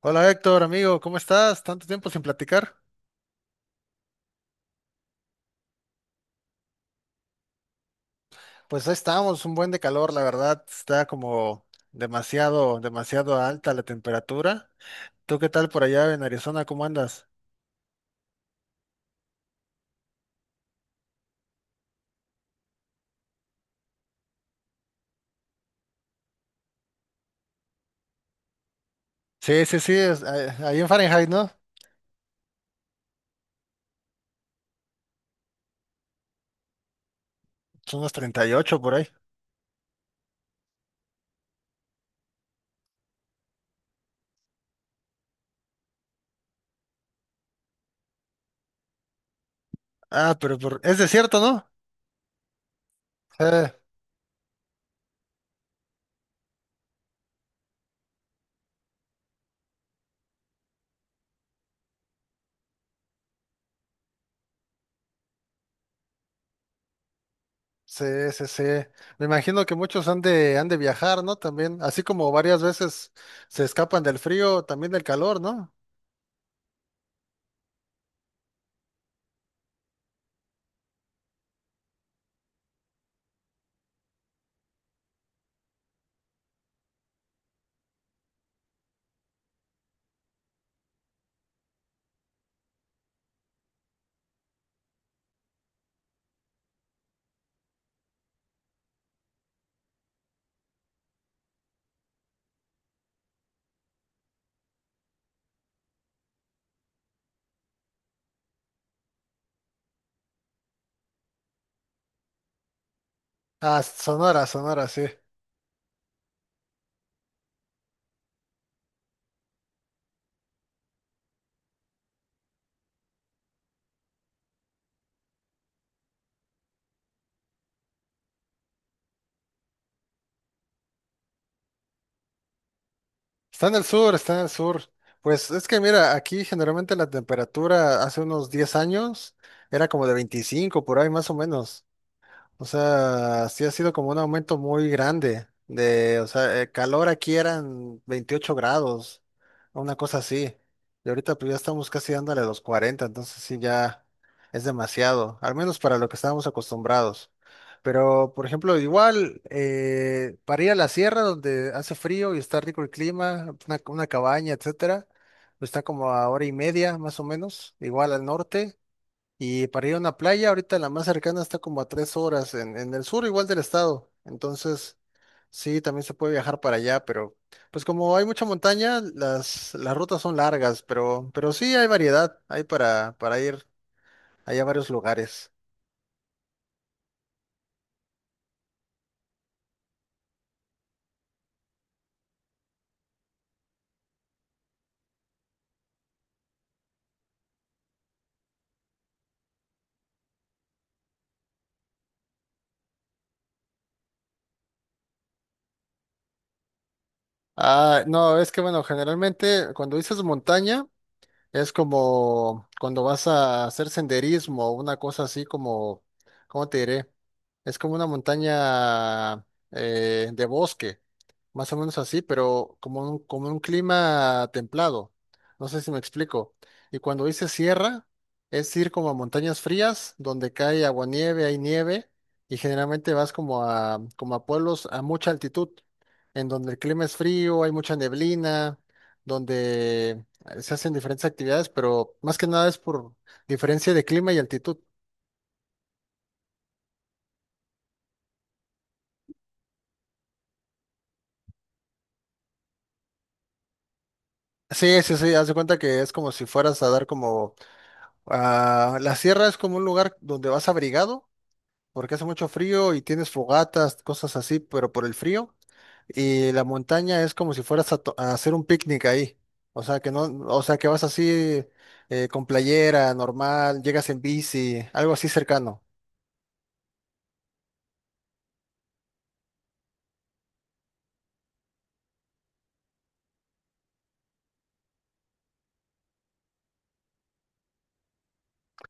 Hola Héctor, amigo, ¿cómo estás? Tanto tiempo sin platicar. Pues ahí estamos, un buen de calor, la verdad, está como demasiado, demasiado alta la temperatura. ¿Tú qué tal por allá en Arizona? ¿Cómo andas? Sí, sí, sí, es, ahí en Fahrenheit, ¿no? Son unos 38 por ahí. Ah, es desierto, ¿no? Eh, sí, sí, sí. Me imagino que muchos han de viajar, ¿no? También, así como varias veces se escapan del frío, también del calor, ¿no? Ah, Sonora, Sonora, sí. Está en el sur, está en el sur. Pues es que mira, aquí generalmente la temperatura hace unos 10 años era como de 25 por ahí más o menos. O sea, sí ha sido como un aumento muy grande de, o sea, el calor aquí eran 28 grados, una cosa así. Y ahorita pues ya estamos casi dándole los 40, entonces sí ya es demasiado, al menos para lo que estábamos acostumbrados. Pero, por ejemplo, igual, para ir a la sierra donde hace frío y está rico el clima, una cabaña, etcétera, pues está como a hora y media más o menos, igual al norte. Y para ir a una playa, ahorita la más cercana está como a 3 horas en el sur, igual del estado. Entonces, sí, también se puede viajar para allá, pero pues como hay mucha montaña, las rutas son largas, pero sí hay variedad, hay para ir allá a varios lugares. Ah, no, es que bueno, generalmente cuando dices montaña, es como cuando vas a hacer senderismo o una cosa así como, ¿cómo te diré? Es como una montaña de bosque, más o menos así, pero como como un clima templado. No sé si me explico. Y cuando dice sierra, es ir como a montañas frías donde cae aguanieve, hay nieve, y generalmente vas como a pueblos a mucha altitud, en donde el clima es frío, hay mucha neblina donde se hacen diferentes actividades, pero más que nada es por diferencia de clima y altitud. Sí, sí, sí, haz de cuenta que es como si fueras a dar como... Ah, la sierra es como un lugar donde vas abrigado, porque hace mucho frío y tienes fogatas, cosas así, pero por el frío. Y la montaña es como si fueras a, a hacer un picnic ahí. O sea que no, o sea que vas así con playera normal, llegas en bici, algo así cercano.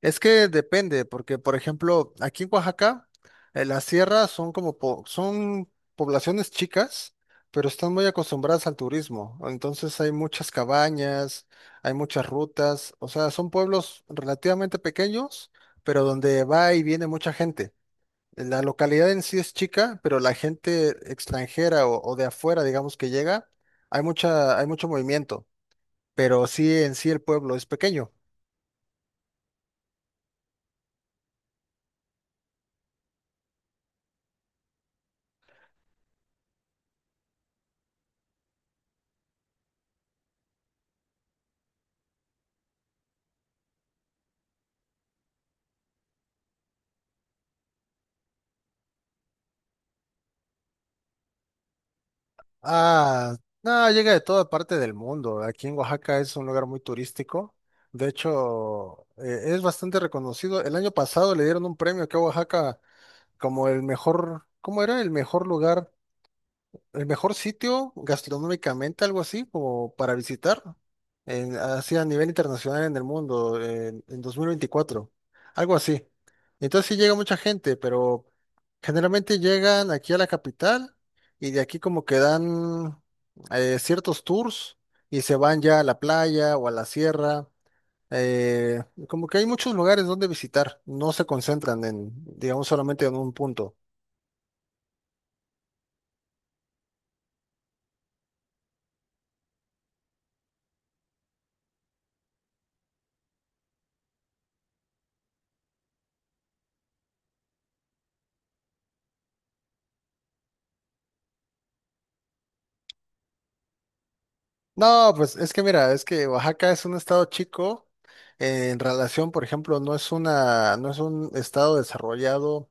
Es que depende, porque por ejemplo, aquí en Oaxaca, las sierras son como son poblaciones chicas, pero están muy acostumbradas al turismo. Entonces hay muchas cabañas, hay muchas rutas, o sea, son pueblos relativamente pequeños, pero donde va y viene mucha gente. La localidad en sí es chica, pero la gente extranjera o de afuera, digamos que llega, hay mucha, hay mucho movimiento, pero sí en sí el pueblo es pequeño. Ah, no, llega de toda parte del mundo. Aquí en Oaxaca es un lugar muy turístico. De hecho, es bastante reconocido. El año pasado le dieron un premio aquí a Oaxaca como el mejor, ¿cómo era? El mejor lugar, el mejor sitio gastronómicamente, algo así, como para visitar, en, así a nivel internacional en el mundo, en 2024, algo así. Entonces sí llega mucha gente, pero generalmente llegan aquí a la capital y de aquí como que dan ciertos tours y se van ya a la playa o a la sierra. Eh, como que hay muchos lugares donde visitar, no se concentran digamos, solamente en un punto. No, pues es que mira, es que Oaxaca es un estado chico, en relación, por ejemplo, no es un estado desarrollado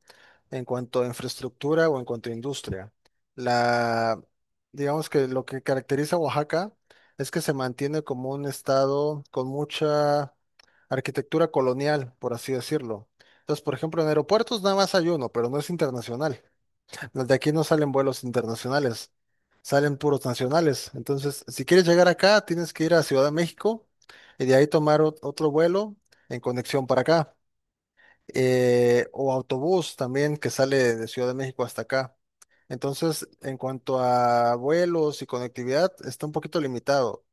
en cuanto a infraestructura o en cuanto a industria. La, digamos que lo que caracteriza a Oaxaca es que se mantiene como un estado con mucha arquitectura colonial, por así decirlo. Entonces, por ejemplo, en aeropuertos nada más hay uno, pero no es internacional. Los de aquí no salen vuelos internacionales, salen puros nacionales. Entonces, si quieres llegar acá, tienes que ir a Ciudad de México y de ahí tomar otro vuelo en conexión para acá. Eh, o autobús también que sale de Ciudad de México hasta acá. Entonces, en cuanto a vuelos y conectividad, está un poquito limitado.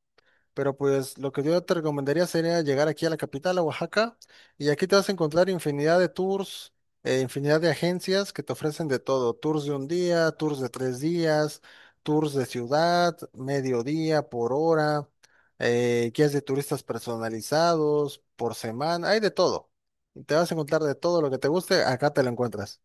Pero pues lo que yo te recomendaría sería llegar aquí a la capital, a Oaxaca, y aquí te vas a encontrar infinidad de tours, infinidad de agencias que te ofrecen de todo, tours de un día, tours de tres días, tours de ciudad, mediodía, por hora, guías de turistas personalizados, por semana, hay de todo. Te vas a encontrar de todo lo que te guste, acá te lo encuentras.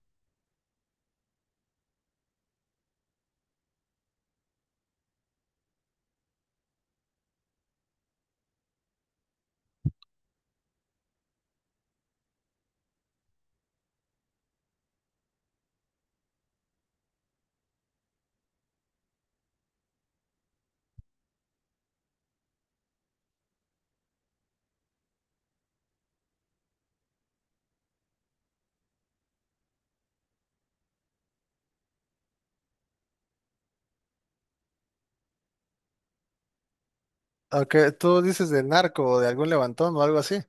Aunque tú dices de narco o de algún levantón o algo así.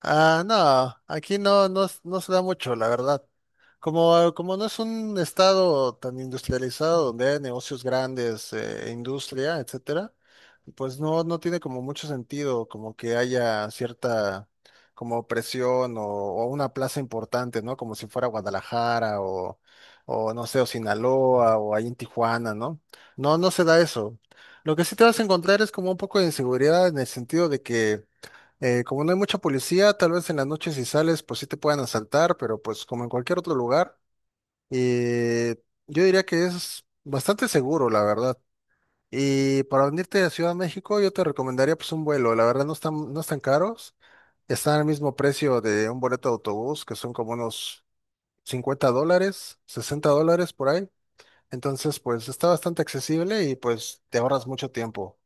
Ah, no, aquí no, no, no se da mucho, la verdad. Como, como no es un estado tan industrializado donde hay negocios grandes, e industria, etcétera, pues no, no tiene como mucho sentido como que haya cierta como presión o una plaza importante, ¿no? Como si fuera Guadalajara o no sé, o Sinaloa o ahí en Tijuana, ¿no? No, no se da eso. Lo que sí te vas a encontrar es como un poco de inseguridad en el sentido de que como no hay mucha policía, tal vez en las noches si sales, pues sí te puedan asaltar, pero pues como en cualquier otro lugar, eh, yo diría que es bastante seguro, la verdad. Y para venirte a Ciudad de México, yo te recomendaría pues un vuelo, la verdad no están caros, están al mismo precio de un boleto de autobús, que son como unos $50, $60 por ahí. Entonces, pues está bastante accesible y pues te ahorras mucho tiempo.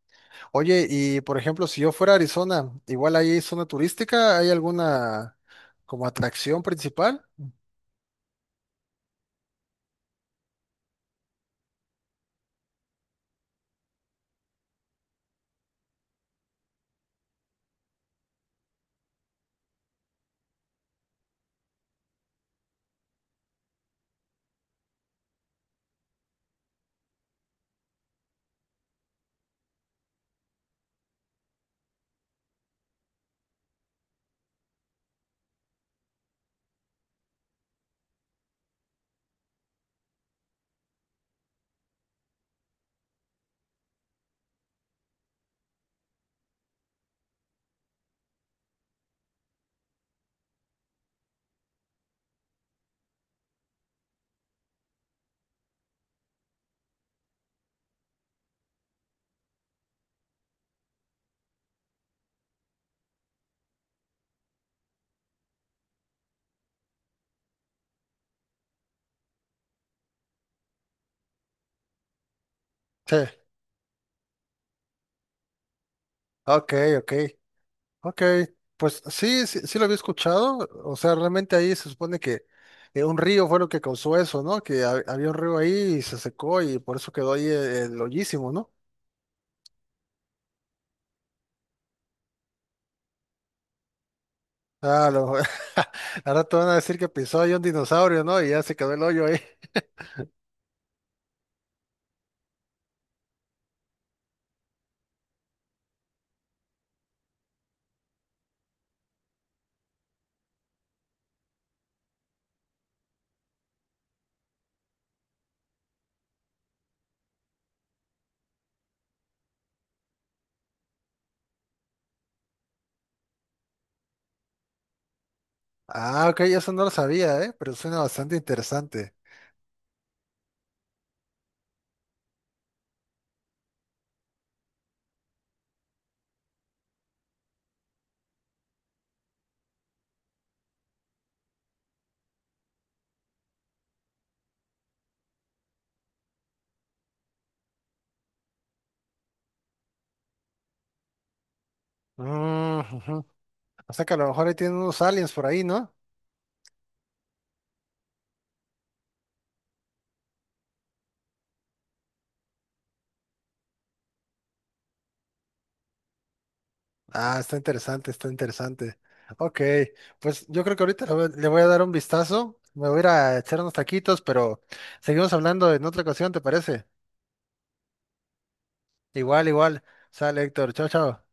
Oye, y por ejemplo, si yo fuera a Arizona, igual ahí hay zona turística, ¿hay alguna como atracción principal? Sí, ok, ok, ok. Pues sí, sí, sí lo había escuchado. O sea, realmente ahí se supone que un río fue lo que causó eso, ¿no? Que había un río ahí y se secó y por eso quedó ahí el hoyísimo, ¿no? Ah, lo, ahora te van a decir que pisó ahí un dinosaurio, ¿no? Y ya se quedó el hoyo ahí. Ah, ok, eso no lo sabía, ¿eh? Pero suena bastante interesante. Mm, ujú. O sea que a lo mejor ahí tienen unos aliens por ahí, ¿no? Ah, está interesante, está interesante. Ok, pues yo creo que ahorita le voy a dar un vistazo. Me voy a ir a echar unos taquitos, pero seguimos hablando en otra ocasión, ¿te parece? Igual, igual. Sale, Héctor. Chao, chao.